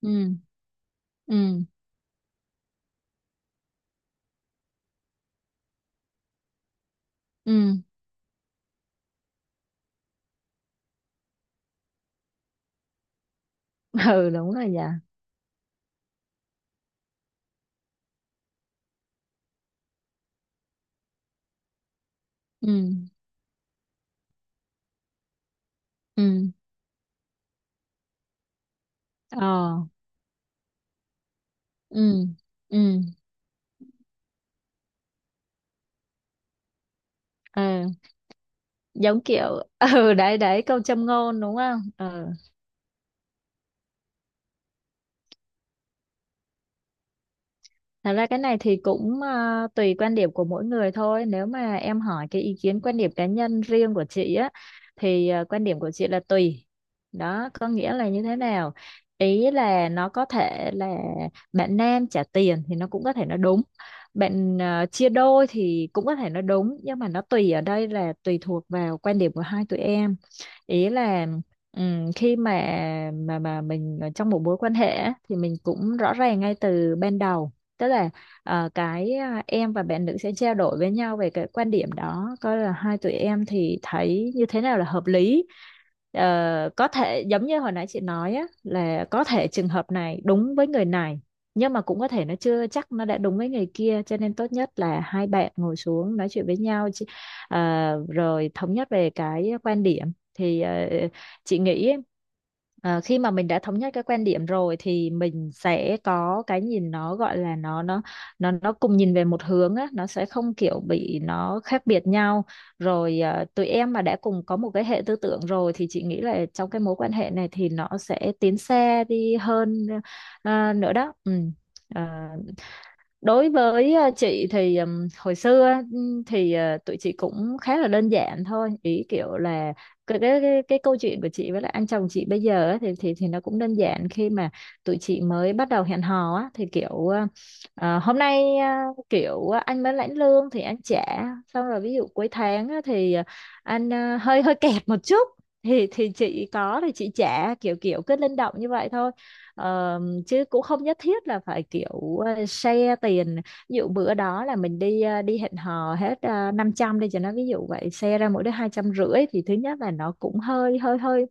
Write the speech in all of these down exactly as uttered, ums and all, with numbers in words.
ừ ừ ừ ừ đúng rồi. Dạ ừ ừ ờ ừ ừ ờ giống kiểu ừ, đấy đấy câu châm ngôn đúng không? Ừ Thật ra cái này thì cũng à, tùy quan điểm của mỗi người thôi. Nếu mà em hỏi cái ý kiến quan điểm cá nhân riêng của chị á thì à, quan điểm của chị là tùy. Đó, có nghĩa là như thế nào? Ý là nó có thể là bạn nam trả tiền thì nó cũng có thể nó đúng. Bạn à, chia đôi thì cũng có thể nó đúng, nhưng mà nó tùy ở đây là tùy thuộc vào quan điểm của hai tụi em. Ý là ừm, khi mà mà mà mình ở trong một mối quan hệ á, thì mình cũng rõ ràng ngay từ ban đầu, tức là ờ, cái à, em và bạn nữ sẽ trao đổi với nhau về cái quan điểm đó, coi là hai tụi em thì thấy như thế nào là hợp lý. Ờ, có thể giống như hồi nãy chị nói á, là có thể trường hợp này đúng với người này, nhưng mà cũng có thể nó chưa chắc nó đã đúng với người kia, cho nên tốt nhất là hai bạn ngồi xuống nói chuyện với nhau, chị- à, rồi thống nhất về cái quan điểm. Thì ờ, chị nghĩ ờ, khi mà mình đã thống nhất cái quan điểm rồi thì mình sẽ có cái nhìn, nó gọi là nó nó nó nó cùng nhìn về một hướng á, nó sẽ không kiểu bị nó khác biệt nhau. Rồi ờ, tụi em mà đã cùng có một cái hệ tư tưởng rồi thì chị nghĩ là trong cái mối quan hệ này thì nó sẽ tiến xa đi hơn ờ, nữa đó, ừ. Ờ, Đối với ờ, chị thì ừm, hồi xưa á, ừm, thì ờ, tụi chị cũng khá là đơn giản thôi, ý kiểu là cái cái cái, cái câu chuyện của chị với lại anh chồng chị bây giờ á, thì thì thì nó cũng đơn giản, khi mà tụi chị mới bắt đầu hẹn hò á thì kiểu ờ, ờ, hôm nay ờ, kiểu ờ, anh mới lãnh lương thì anh trả, xong rồi ví dụ cuối tháng á, thì ờ, anh ờ, hơi hơi kẹt một chút thì thì chị có thì chị trả, kiểu kiểu cứ linh động như vậy thôi. Ờ, Chứ cũng không nhất thiết là phải kiểu ờ, share tiền. Ví dụ bữa đó là mình đi ờ, đi hẹn hò hết uh, năm trăm đi cho nó, ví dụ vậy share ra mỗi đứa hai trăm rưỡi thì thứ nhất là nó cũng hơi hơi hơi,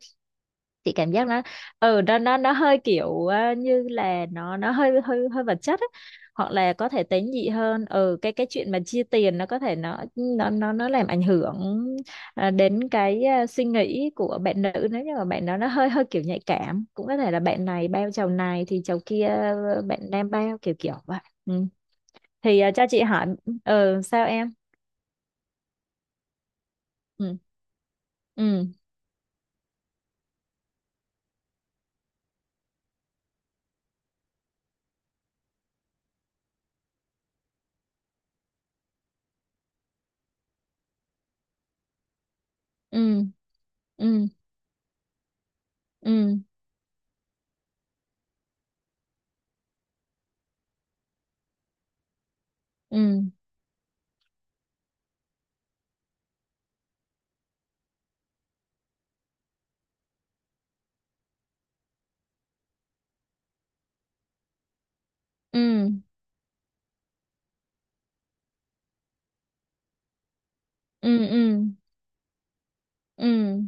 chị cảm giác nó ừ nó nó nó hơi kiểu ờ, như là nó nó hơi hơi hơi vật chất ấy. Hoặc là có thể tế nhị hơn. ừ cái cái chuyện mà chia tiền nó có thể nó nó nó nó làm ảnh hưởng ờ, đến cái ờ, suy nghĩ của bạn nữ, nếu như mà bạn đó nó hơi hơi kiểu nhạy cảm. Cũng có thể là bạn này bao chầu này thì chầu kia ờ, bạn nam bao, kiểu kiểu vậy, ừ. Thì ờ, cho chị hỏi, ừ sao em? Ừ, ừ, ừ, ừ, ừ, ừ, ừ, ừ, ừ, ừ, ừ.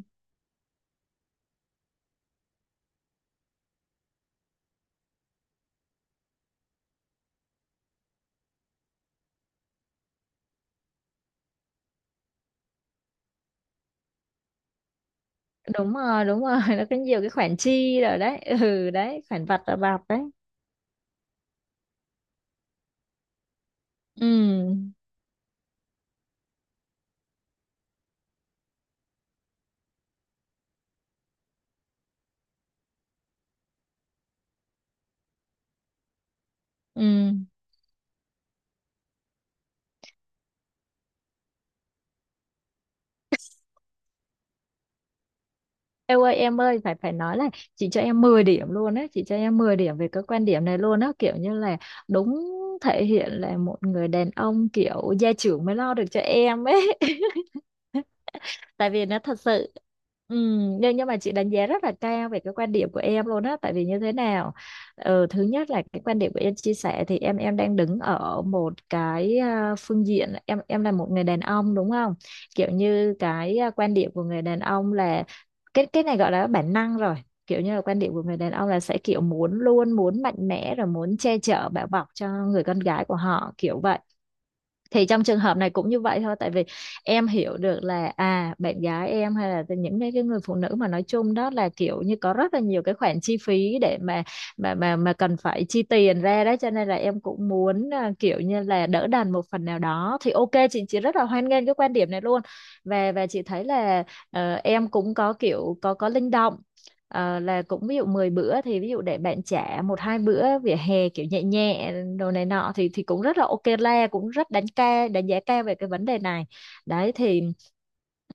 Đúng rồi, đúng rồi. Nó có nhiều cái khoản chi rồi đấy. Ừ, đấy khoản vặt và vặt đấy. Ừ, ừ. Em ơi em ơi, phải phải nói là chị cho em mười điểm luôn á, chị cho em mười điểm về cái quan điểm này luôn á, kiểu như là đúng, thể hiện là một người đàn ông kiểu gia trưởng mới lo được cho em ấy. tại vì nó thật sự, Ừ, nhưng nhưng mà chị đánh giá rất là cao về cái quan điểm của em luôn á. Tại vì như thế nào? Ờ, thứ nhất là cái quan điểm của em chia sẻ, thì em em đang đứng ở một cái à, phương diện, em em là một người đàn ông đúng không? Kiểu như cái à, quan điểm của người đàn ông là cái cái này gọi là bản năng rồi. Kiểu như là quan điểm của người đàn ông là sẽ kiểu muốn, luôn muốn mạnh mẽ, rồi muốn che chở bảo bọc cho người con gái của họ, kiểu vậy. Thì trong trường hợp này cũng như vậy thôi, tại vì em hiểu được là à bạn gái em hay là những cái cái người phụ nữ mà nói chung đó là kiểu như có rất là nhiều cái khoản chi phí để mà mà mà mà cần phải chi tiền ra đó, cho nên là em cũng muốn à, kiểu như là đỡ đần một phần nào đó, thì ok, chị chị rất là hoan nghênh cái quan điểm này luôn. Và và chị thấy là ờ, em cũng có kiểu có có linh động. Ờ, là cũng ví dụ mười bữa thì ví dụ để bạn trả một hai bữa vỉa hè kiểu nhẹ nhẹ đồ này nọ thì thì cũng rất là ok la, cũng rất đánh ca đánh giá cao về cái vấn đề này đấy. Thì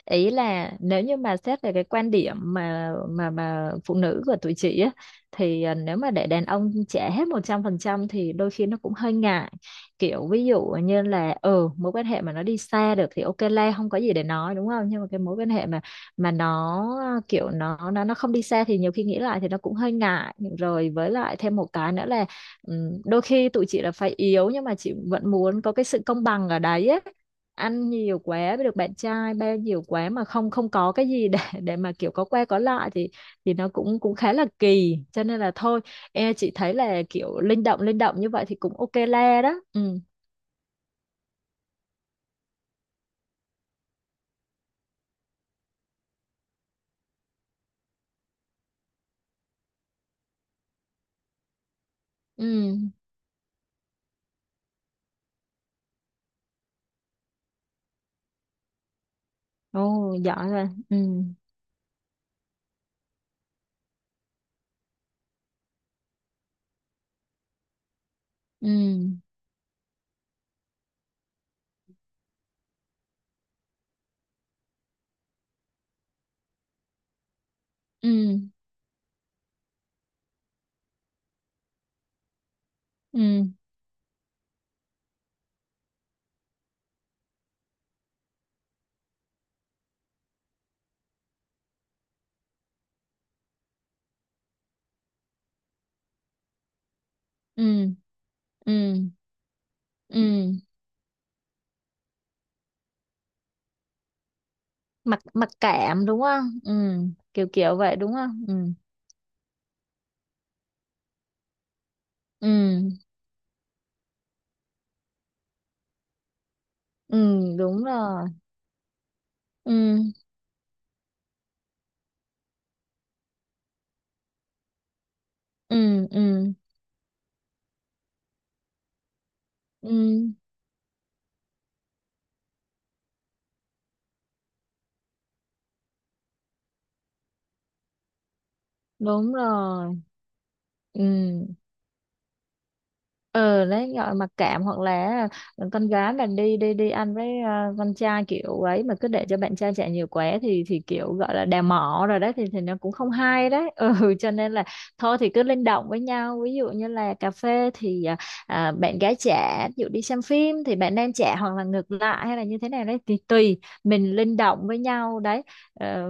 ý là nếu như mà xét về cái quan điểm mà mà mà phụ nữ của tụi chị á, thì à, nếu mà để đàn ông trả hết một trăm phần trăm thì đôi khi nó cũng hơi ngại. Kiểu ví dụ như là, ừ mối quan hệ mà nó đi xa được thì ok la, không có gì để nói đúng không? Nhưng mà cái mối quan hệ mà mà nó kiểu nó nó nó không đi xa thì nhiều khi nghĩ lại thì nó cũng hơi ngại, rồi với lại thêm một cái nữa là, ừ, đôi khi tụi chị là phải yếu nhưng mà chị vẫn muốn có cái sự công bằng ở đấy á. Ăn nhiều quá với được bạn trai bao nhiều quá mà không không có cái gì để để mà kiểu có qua có lại, thì thì nó cũng cũng khá là kỳ, cho nên là thôi, e chị thấy là kiểu linh động linh động như vậy thì cũng ok la đó, ừ. Ừ, ồ giỏi rồi. Ừ, ừ, ừ, ừ, ừ, ừ, ừ. mặc Mặc cảm đúng không? Ừ, kiểu kiểu vậy đúng không? Ừ, ừ, ừ. Đúng rồi. Ừ, ừ, ừ, ừ. Đúng rồi, ừ. Ờ, đấy gọi mặc cảm, hoặc là con gái mà đi đi đi ăn với à, con trai kiểu ấy, mà cứ để cho bạn trai chạy nhiều quá thì thì kiểu gọi là đào mỏ rồi đấy, thì thì nó cũng không hay đấy, ừ, cho nên là thôi thì cứ linh động với nhau. Ví dụ như là cà phê thì à, à, bạn gái trả, ví dụ đi xem phim thì bạn nam trả, hoặc là ngược lại, hay là như thế nào đấy thì tùy mình linh động với nhau đấy. Ờ,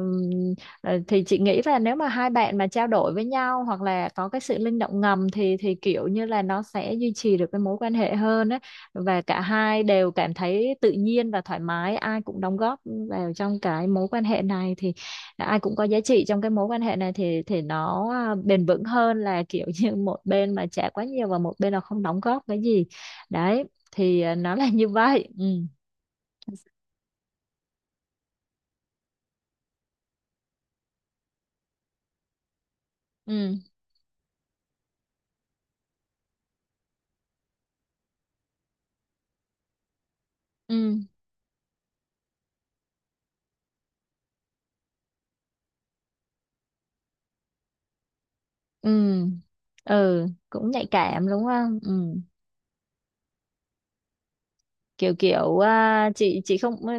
Ờ, thì chị nghĩ là nếu mà hai bạn mà trao đổi với nhau hoặc là có cái sự linh động ngầm thì thì kiểu như là nó sẽ duy trì được cái mối quan hệ hơn á, và cả hai đều cảm thấy tự nhiên và thoải mái. Ai cũng đóng góp vào trong cái mối quan hệ này thì ai cũng có giá trị trong cái mối quan hệ này, thì thì nó à, bền vững hơn là kiểu như một bên mà trả quá nhiều và một bên là không đóng góp cái gì đấy, thì à, nó là như vậy, ừ. Ừ, ừ, ừ, ừ, cũng nhạy cảm đúng không? Ừ, kiểu kiểu à, chị chị không, ừ,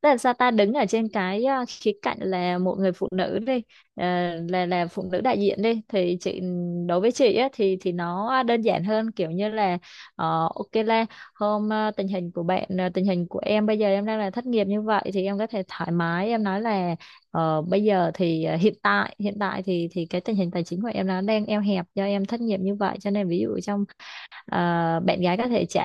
tức là sao? Ta đứng ở trên cái à, khía cạnh là một người phụ nữ đi, à, là là phụ nữ đại diện đi thì chị, đối với chị á, thì thì nó đơn giản hơn, kiểu như là ờ, ok là, hôm à, tình hình của bạn, à, tình hình của em bây giờ, em đang là thất nghiệp như vậy thì em có thể thoải mái em nói là ờ, bây giờ thì à, hiện tại hiện tại thì thì cái tình hình tài chính của em nó đang eo hẹp do em thất nghiệp như vậy, cho nên ví dụ trong ờ, bạn gái có thể trẻ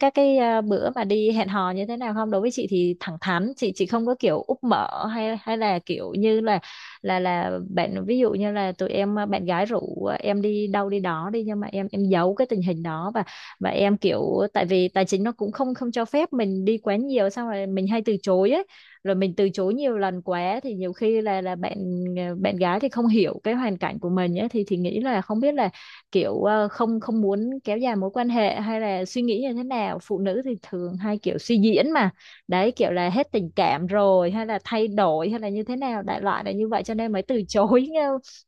các cái ờ, bữa mà đi hẹn hò như thế nào không. Đối với chị thì thẳng thắn, chị chị không có kiểu úp mở hay hay là kiểu như là là là bạn, ví dụ như là tụi em ờ, bạn gái rủ ờ, em đi đâu đi đó đi, nhưng mà em em giấu cái tình hình đó và và em kiểu, tại vì tài chính nó cũng không không cho phép mình đi quá nhiều, xong rồi mình hay từ chối ấy. Rồi mình từ chối nhiều lần quá thì nhiều khi là là bạn ờ, bạn gái thì không hiểu cái hoàn cảnh của mình ấy, thì thì nghĩ là không biết là kiểu ờ, không không muốn kéo dài mối quan hệ, hay là suy nghĩ như thế nào. Phụ nữ thì thường hay kiểu suy diễn mà, đấy kiểu là hết tình cảm rồi hay là thay đổi hay là như thế nào, đại loại là như vậy cho nên mới từ chối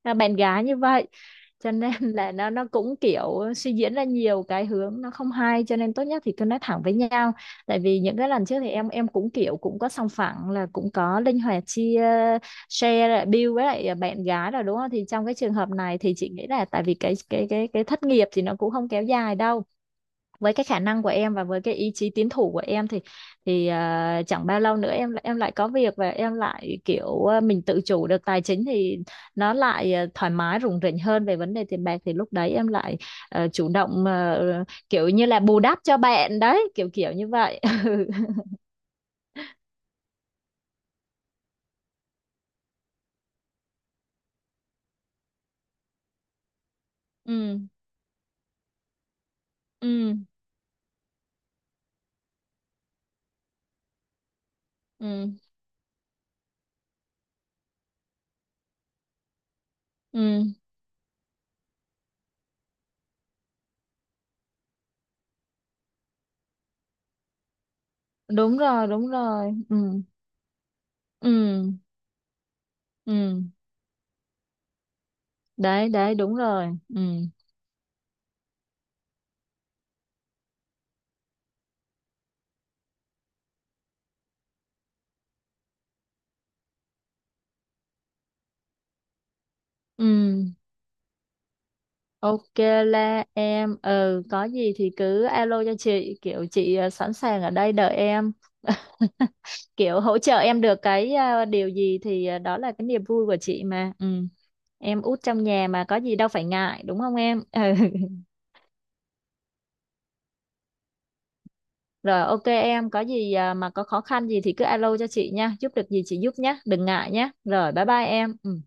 ờ, bạn gái như vậy, cho nên là nó nó cũng kiểu suy diễn ra nhiều cái hướng, nó không hay, cho nên tốt nhất thì cứ nói thẳng với nhau. Tại vì những cái lần trước thì em em cũng kiểu cũng có sòng phẳng, là cũng có linh hoạt chia share lại bill với lại à, bạn gái rồi đúng không, thì trong cái trường hợp này thì chị nghĩ là, tại vì cái cái cái cái thất nghiệp thì nó cũng không kéo dài đâu với cái khả năng của em và với cái ý chí tiến thủ của em. Thì thì à, chẳng bao lâu nữa em lại- em lại có việc, và em lại kiểu à, mình tự chủ được tài chính thì nó lại à, thoải mái rủng rỉnh hơn về vấn đề tiền bạc, thì lúc đấy em lại à, chủ động à, kiểu như là bù đắp cho bạn đấy, kiểu kiểu như vậy. Ừ, ừ, ừ, ừ. Đúng rồi, đúng rồi. Ừ, ừ, ừ. Đấy đấy đúng rồi. Ừ, ừ. Ok là em, ừ có gì thì cứ alo cho chị, kiểu chị ờ, sẵn sàng ở đây đợi em. Kiểu hỗ trợ em được cái ờ, điều gì thì ờ, đó là cái niềm vui của chị mà, ừ. Em út trong nhà mà, có gì đâu phải ngại đúng không em? Ừ. Rồi ok, em có gì ờ, mà có khó khăn gì thì cứ alo cho chị nha, giúp được gì chị giúp nhé, đừng ngại nhé, rồi bye bye em, ừ.